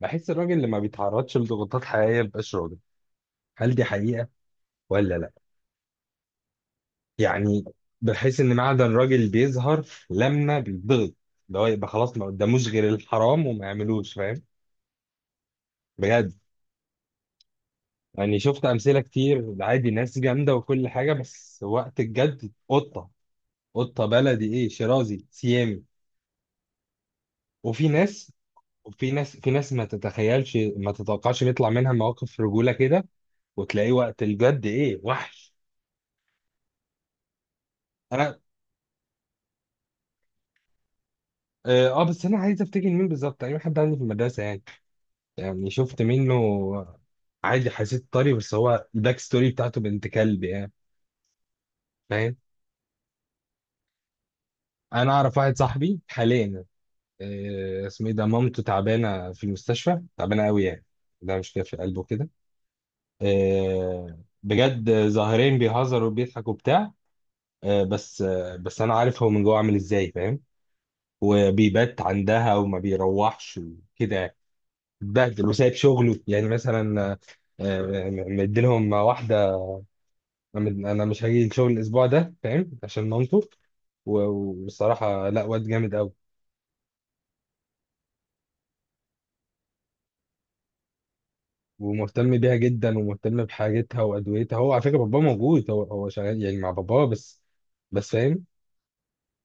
بحس الراجل اللي ما بيتعرضش لضغوطات حقيقية مبقاش راجل. هل دي حقيقة ولا لا؟ يعني بحس ان معدن راجل بيظهر لما بيتضغط، اللي هو يبقى خلاص ما قداموش غير الحرام وما يعملوش، فاهم؟ بجد. يعني شفت امثلة كتير، عادي، ناس جامدة وكل حاجة بس وقت الجد قطة. قطة بلدي، ايه، شيرازي سيامي. وفي ناس وفي ناس في ناس ما تتخيلش ما تتوقعش بيطلع منها مواقف رجولة كده، وتلاقيه وقت الجد ايه، وحش. انا اه بس انا عايز افتكر مين بالظبط، اي حد عندي في المدرسه يعني. يعني شفت منه عادي، حسيت طري، بس هو الباك ستوري بتاعته بنت كلب يعني، فاهم. انا اعرف واحد صاحبي حاليا، اسمه ايه ده، مامته تعبانه في المستشفى، تعبانه قوي يعني، ده مش في قلبه كده. بجد ظاهرين بيهزروا وبيضحكوا وبتاع، بس انا عارف هو من جوه عامل ازاي، فاهم. وبيبات عندها وما بيروحش وكده يعني. اتبهدل وسايب شغله يعني مثلا، مديلهم واحده. انا مش هاجي الشغل الاسبوع ده فاهم عشان مامته، والصراحه لا، واد جامد قوي، ومهتم بيها جدا ومهتم بحاجتها وادويتها. هو على فكره باباه موجود، هو شغال يعني مع باباه بس، بس فاهم،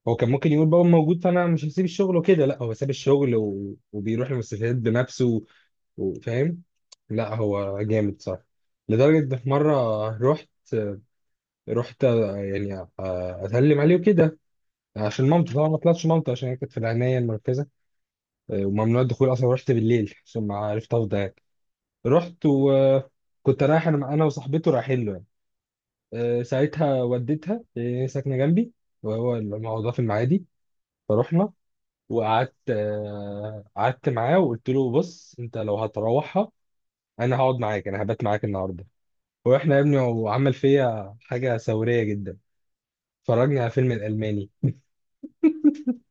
هو كان ممكن يقول بابا موجود فانا مش هسيب الشغل وكده، لا هو ساب الشغل وبيروح المستشفيات بنفسه وفاهم. لا هو جامد صح. لدرجه إن في مره رحت يعني اسلم عليه وكده، عشان مامته طبعا. ما طلعتش مامته عشان هي كانت في العنايه المركزه وممنوع الدخول اصلا. رحت بالليل عشان ما عرفت افضى يعني. رحت وكنت رايح، انا وصاحبته رايحين له يعني ساعتها، وديتها، هي ساكنه جنبي وهو الموضوع في المعادي. فروحنا وقعدت، قعدت معاه وقلت له بص، انت لو هتروحها انا هقعد معاك، انا هبات معاك النهارده. ورحنا يا ابني وعمل فيا حاجه ثوريه جدا، فرجني على فيلم الالماني.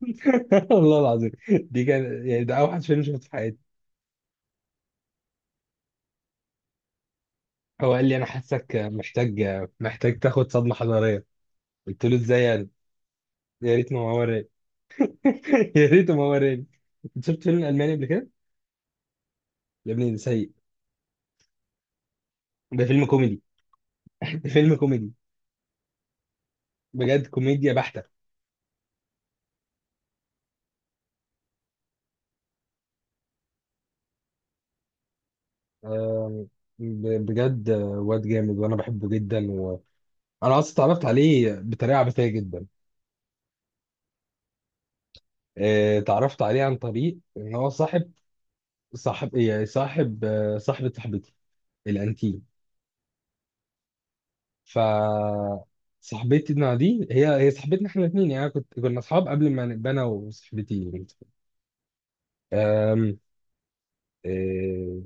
والله العظيم دي كان يعني ده اوحش فيلم شفته في حياتي. هو قال لي انا حاسك محتاج، محتاج تاخد صدمه حضاريه. قلت له ازاي يعني؟ يا ريت ما هو وراني. يا ريت ما هو وراني. أنت شفت فيلم الماني قبل كده؟ يا ابني ده سيء، ده فيلم كوميدي. ده فيلم كوميدي، بجد كوميديا بحته. آم، بجد واد جامد وانا بحبه جدا، وانا اصلا اتعرفت عليه بطريقه عبثيه جدا. اتعرفت عليه عن طريق ان هو صاحب، صاحب إيه، صاحب آه، صاحبه صاحبتي الانتي. ف صاحبتنا دي هي صاحبتنا احنا الاثنين يعني، كنا اصحاب قبل ما نبقى انا وصاحبتي يعني. أم... إيه،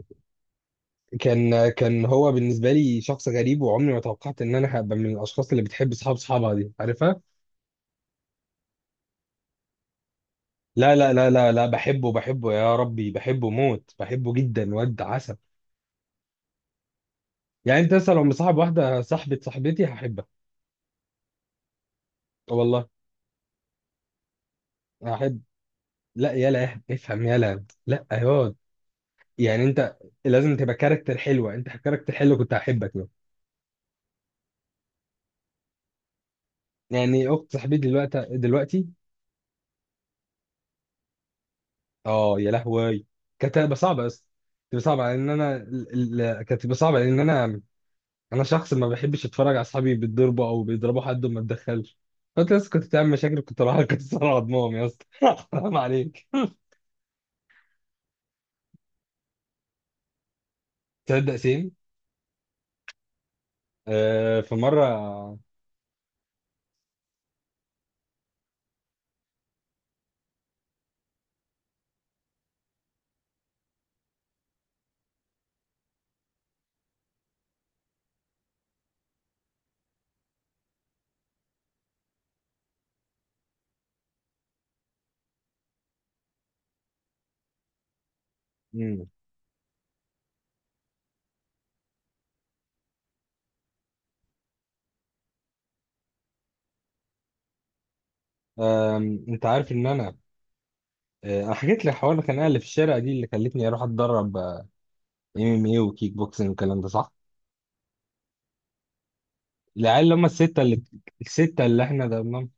كان هو بالنسبه لي شخص غريب، وعمري ما توقعت ان انا هبقى من الاشخاص اللي بتحب اصحاب اصحابها، دي عارفها. لا لا لا لا لا بحبه، بحبه يا ربي، بحبه موت، بحبه جدا، واد عسل. يعني انت مثلا لو مصاحب واحده صاحبه صاحبتي هحبها. والله هحب. لا يلا افهم يلا لا يا، يعني انت لازم تبقى كاركتر حلوه، انت كاركتر حلو كنت هحبك له. يعني اخت صاحبتي دلوقتي دلوقتي، اه يا لهوي، كانت هتبقى صعبه، بس تبقى صعبه لان انا كانت تبقى صعبه لان انا، انا شخص ما بحبش اتفرج على اصحابي بيتضربوا او بيضربوا حد وما اتدخلش. فانت لسه كنت بتعمل مشاكل، كنت رايح اكسر عضمهم يا اسطى حرام عليك. تصدق سيم، آه في مره. مم. آم، انت عارف ان انا، أنا حكيت لك حوار الخناقه اللي في الشارع دي اللي خلتني اروح اتدرب ام ام ايه وكيك بوكسنج والكلام ده صح؟ العيال اللي هم الستة اللي، الستة اللي احنا ضربناهم،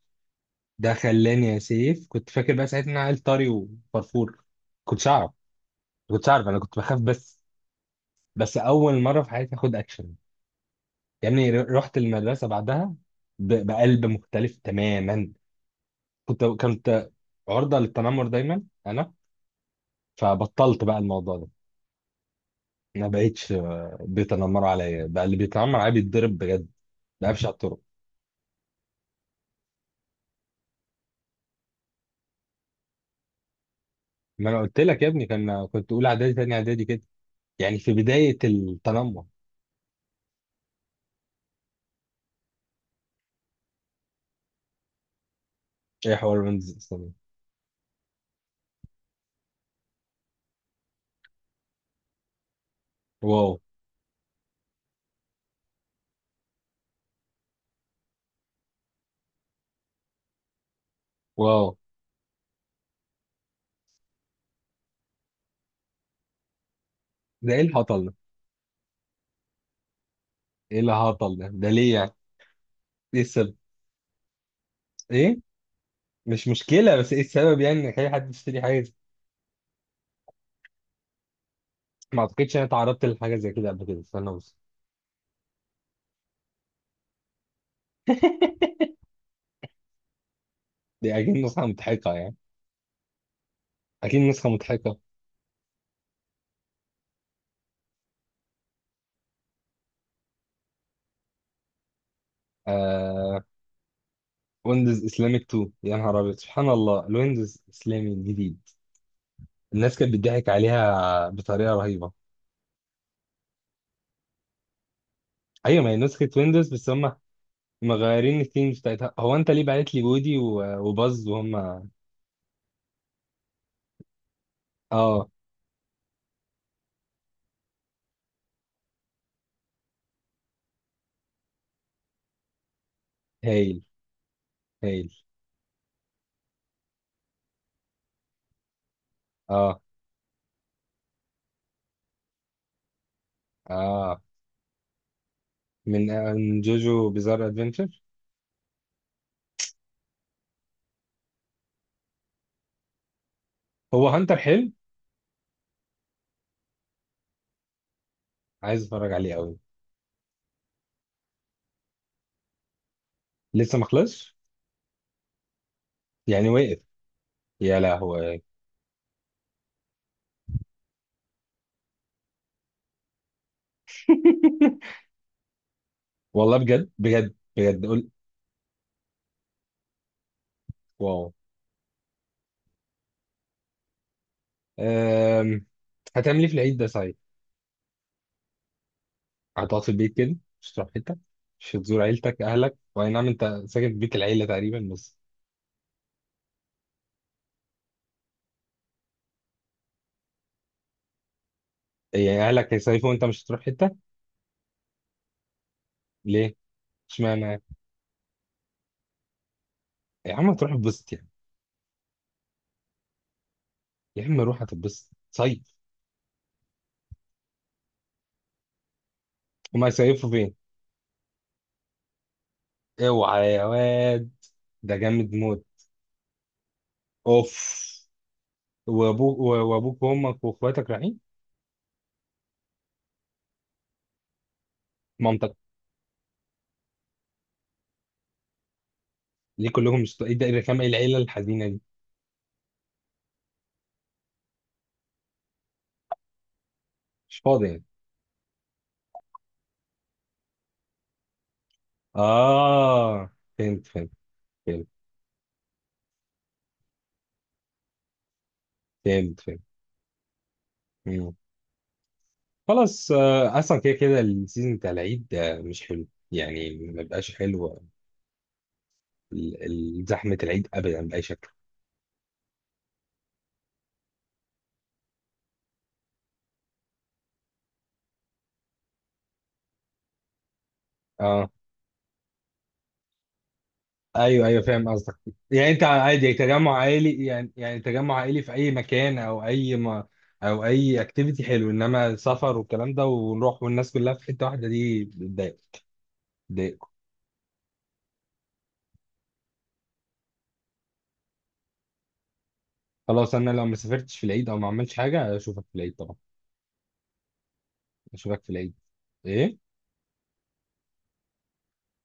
ده خلاني يا سيف. كنت فاكر بقى ساعتها ان أنا عيل طري وفرفور، كنتش اعرف، كنتش اعرف، انا كنت بخاف بس، بس اول مرة في حياتي اخد اكشن. يعني رحت المدرسة بعدها بقلب مختلف تماما. كنت عرضة للتنمر دايما انا، فبطلت بقى الموضوع ده. ما بقتش بيتنمروا عليا، بقى اللي بيتنمر عليا بيتضرب بجد، بقفش على الطرق. ما انا قلت لك يا ابني، كان كنت اولى اعدادي تاني اعدادي كده، يعني في بداية التنمر. ايه حوار بنز اصلا؟ واو. واو. ده ايه الهطل ده؟ ايه الهطل ده؟ ده ليه يعني؟ ايه السبب؟ ايه؟ مش مشكلة بس ايه السبب يعني، انك اي حد يشتري حاجة زي-. ما اعتقدش انا اتعرضت لحاجة زي كده قبل كده، استنى بص. دي اكيد نسخة مضحكة يعني. اكيد نسخة مضحكة. آه ويندوز اسلامك 2، يا نهار ابيض سبحان الله، الويندوز اسلامي الجديد. الناس كانت بتضحك عليها بطريقة رهيبة. ايوه ما هي نسخة ويندوز بس هم مغيرين الثيمز بتاعتها. هو انت ليه بعت لي وودي وباز وهم؟ اه. هايل. هايل. اه. اه من من جوجو بيزار ادفنتشر. هو هانتر حلو؟ عايز اتفرج عليه قوي. لسه ما خلصش؟ يعني واقف، يا لهوي. والله بجد بجد بجد قول. واو. أم... هتعمل ايه في العيد ده صحيح؟ هتقعد في البيت كده، مش هتروح حته؟ مش هتزور عيلتك اهلك، واي نعم انت ساكن في بيت العيله تقريبا بس. يعني اهلك هيصيفوا وانت مش هتروح حته؟ ليه؟ اشمعنى؟ يا عم تروح اتبسط يعني. يا عم روح هتتبسط، صيف. هما هيصيفوا فين؟ اوعى يا واد، ده جامد موت. اوف. وابوك، وابوك وامك واخواتك رايحين؟ مامتك؟ ليه كلهم مش، ايه ده، ايه الرخامه، ايه العيله الحزينه دي؟ مش فاضي يعني؟ اه، فهمت فهمت، فهمت. فهمت فهمت. مم. خلاص اصلا كده كده السيزون بتاع العيد ده مش حلو يعني، ما بقاش حلو. زحمه العيد ابدا باي شكل. اه ايوه ايوه فاهم قصدك. يعني انت عادي يعني تجمع عائلي، يعني يعني تجمع عائلي في اي مكان او اي ما، او اي اكتيفيتي حلو، انما سفر والكلام ده ونروح والناس كلها في حته واحده دي بتضايق، بتضايق. خلاص انا لو ما سافرتش في العيد او ما عملتش حاجه اشوفك في العيد طبعا. اشوفك في العيد. ايه،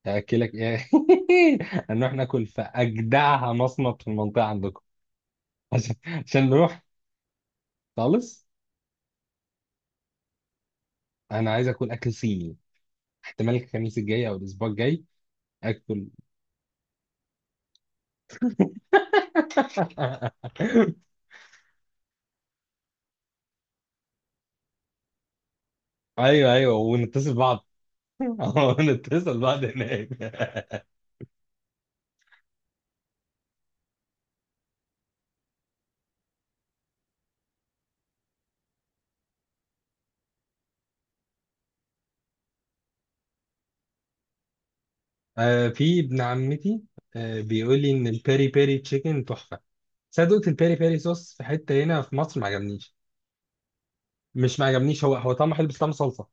هاكلك ايه؟ هنروح ناكل في اجدعها مصمت في المنطقه عندكم. عشان عشان نروح. خالص، انا عايز اكل اكل صيني. احتمال الخميس الجاي او الاسبوع الجاي. اكل. ايوه ايوه ونتصل بعض. نتصل بعض هناك. آه في ابن عمتي، آه بيقول لي ان البيري بيري تشيكن تحفه. بس انا دقت البيري بيري صوص في حته هنا في مصر ما عجبنيش، مش ما عجبنيش، هو طعمه حلو بس طعمه صلصه.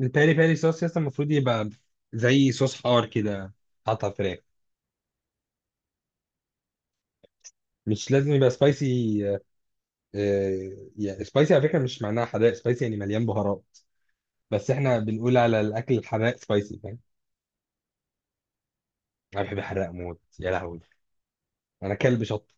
البيري بيري صوص يس المفروض يبقى زي صوص حار كده، حاطط على الفراخ. مش لازم يبقى سبايسي. آه، يعني سبايسي على فكره مش معناها حراق. سبايسي يعني مليان بهارات، بس احنا بنقول على الاكل الحراق سبايسي، فاهم. انا بحب الحراق موت، يا لهوي، انا كلب شط.